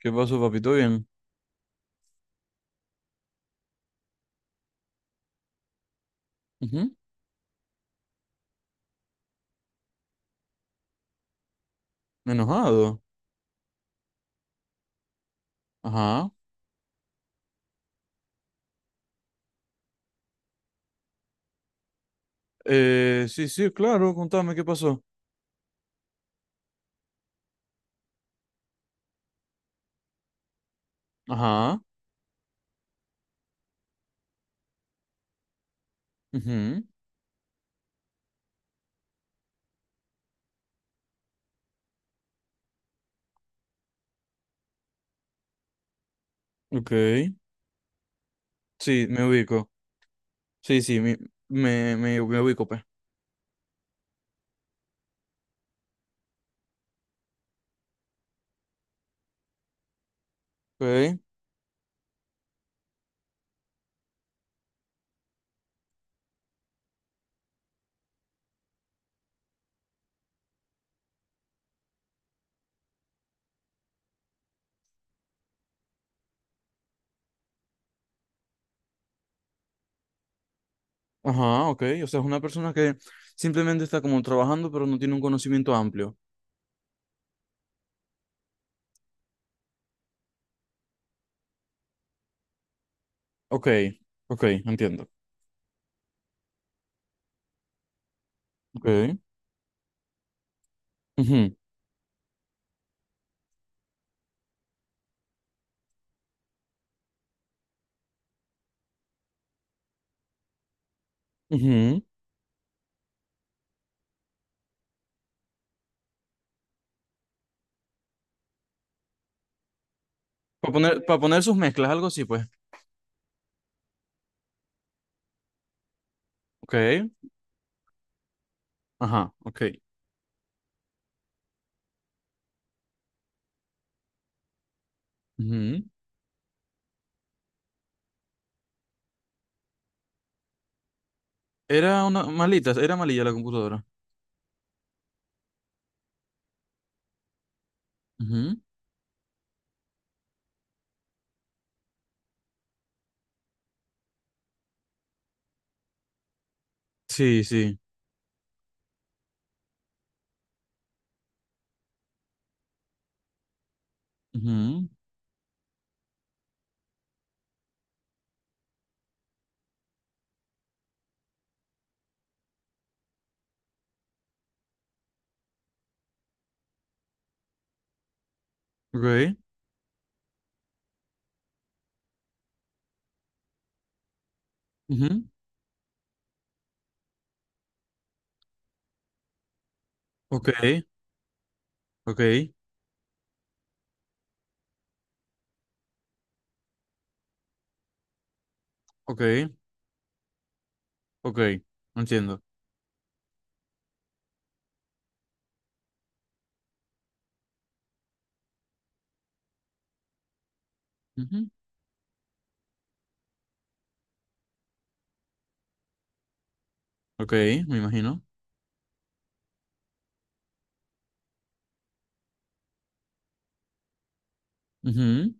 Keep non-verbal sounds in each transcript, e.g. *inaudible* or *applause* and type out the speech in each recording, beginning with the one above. ¿Qué pasó, papito? Bien. Ujú. Enojado. Ajá. Sí, sí, claro, contame qué pasó. Ajá. Ujú. Ok. Sí, me ubico. Sí, sí, me ubico, pues. Ok. Ajá, ok. O sea, es una persona que simplemente está como trabajando, pero no tiene un conocimiento amplio. Ok, ok, entiendo. Ok. Ujú, ujú. Para poner sus mezclas, algo así, pues. Ok. Ajá, ok. Ujú. Era una malita, era malilla la computadora. Ujú. Sí, sí. Ujú, okay, ujú, okay, okay, okay, okay, entiendo. Ujú, okay, me imagino. Ujú,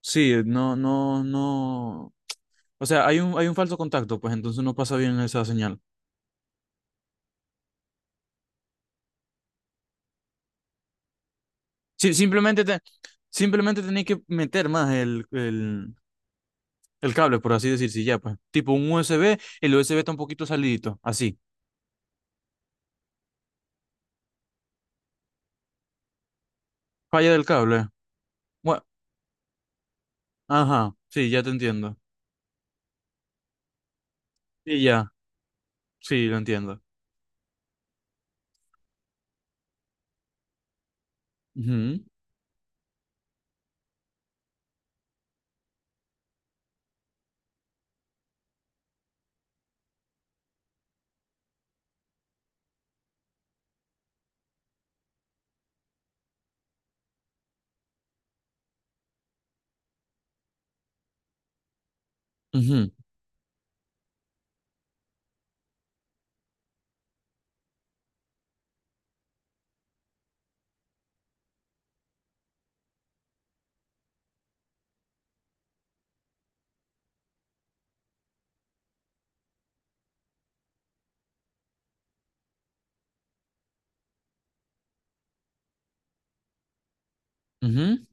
sí, no, no, no. O sea, hay un falso contacto, pues entonces no pasa bien esa señal. Sí, simplemente simplemente tenéis que meter más el cable, por así decir, sí, ya, pues. Tipo un USB, el USB está un poquito salidito, así. Falla del cable. Bueno, ajá, sí, ya te entiendo. Y ya, sí, lo entiendo. Ujú, ujú, ujú,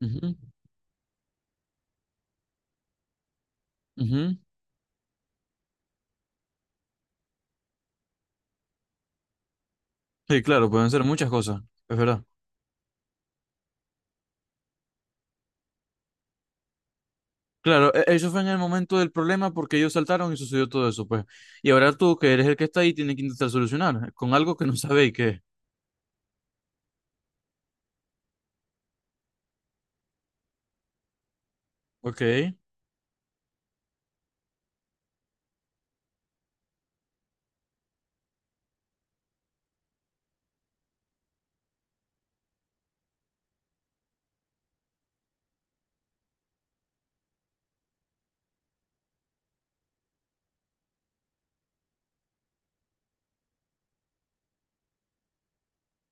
ujú. Ujú. Sí, claro, pueden ser muchas cosas, es verdad. Claro, eso fue en el momento del problema porque ellos saltaron y sucedió todo eso, pues. Y ahora tú, que eres el que está ahí, tienes que intentar solucionar con algo que no sabéis qué es. Ok,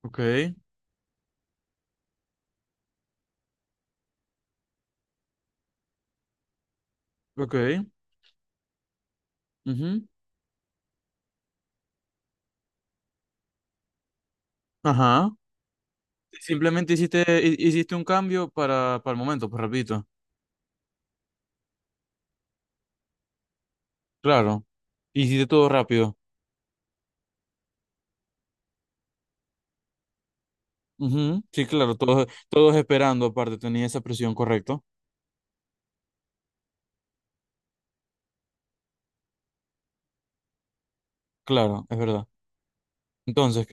ok, ok. Ujú, ajá. Simplemente hiciste un cambio para el momento, pues rapidito. Claro. Hiciste todo rápido. Ujú, sí, claro, todos, todos esperando, aparte, tenía esa presión, correcto. Claro, es verdad. Entonces,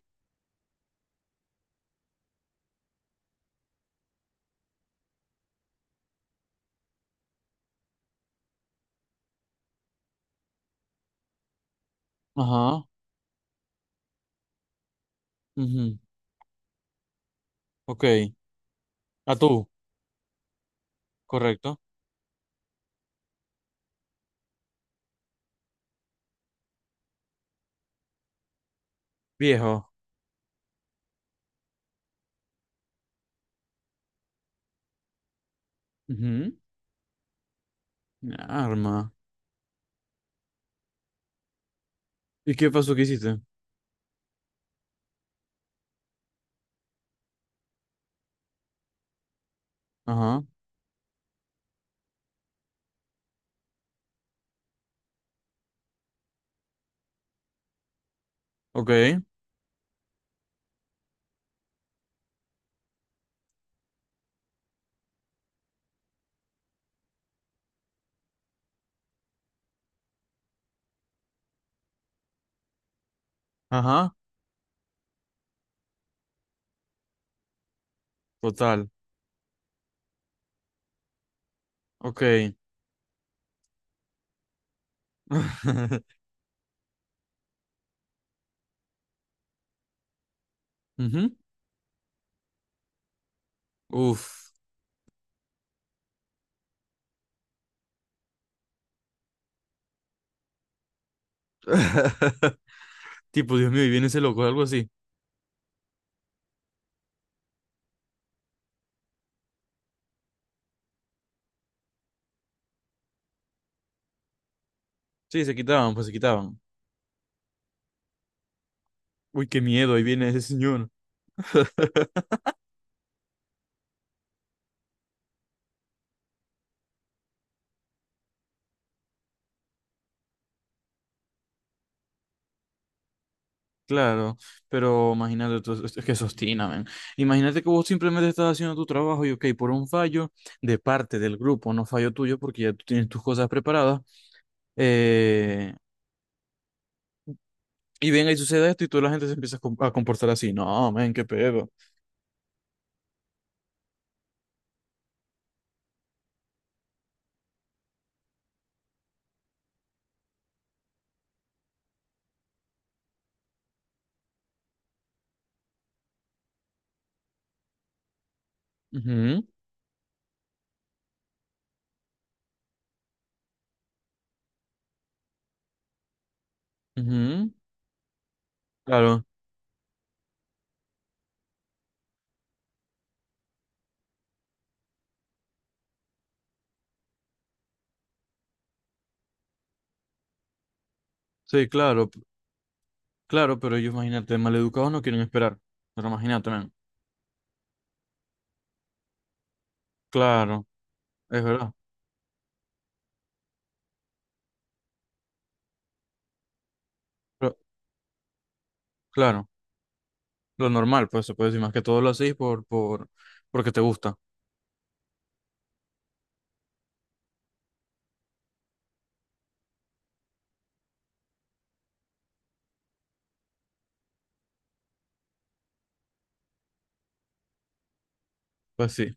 ajá. Ujú, ok. A tú, correcto. Viejo. Ujú. Una Arma. ¿Y qué pasó que hiciste? Ajá. Ok. Ajá. Total. Ok. *laughs* Ujú. Uf. *laughs* Tipo, Dios mío, y viene ese loco, algo así. Sí, se quitaban, pues se quitaban. Uy, qué miedo, ahí viene ese señor. *laughs* Claro, pero imagínate, es que sostina, men. Imagínate que vos simplemente estás haciendo tu trabajo y, ok, por un fallo de parte del grupo, no fallo tuyo, porque ya tú tienes tus cosas preparadas, eh, y venga, y sucede esto y toda la gente se empieza a a comportar así. No, men, qué pedo. Ujú, ujú, claro, sí, claro, claro, pero ellos, imagínate, maleducados no quieren esperar. Pero imagínate, men. Claro, es verdad. Pero, claro, lo normal, pues se puede decir más que todo lo hacéis porque te gusta. Pues sí,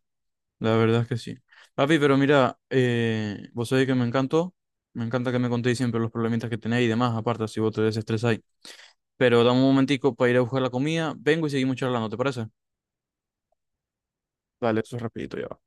la verdad es que sí. Papi, pero mira, vos sabés que me encantó. Me encanta que me contéis siempre los problemitas que tenéis y demás, aparte si vos te desestresáis. Pero dame un momentico para ir a buscar la comida. Vengo y seguimos charlando, ¿te parece? Dale, eso es rapidito ya va.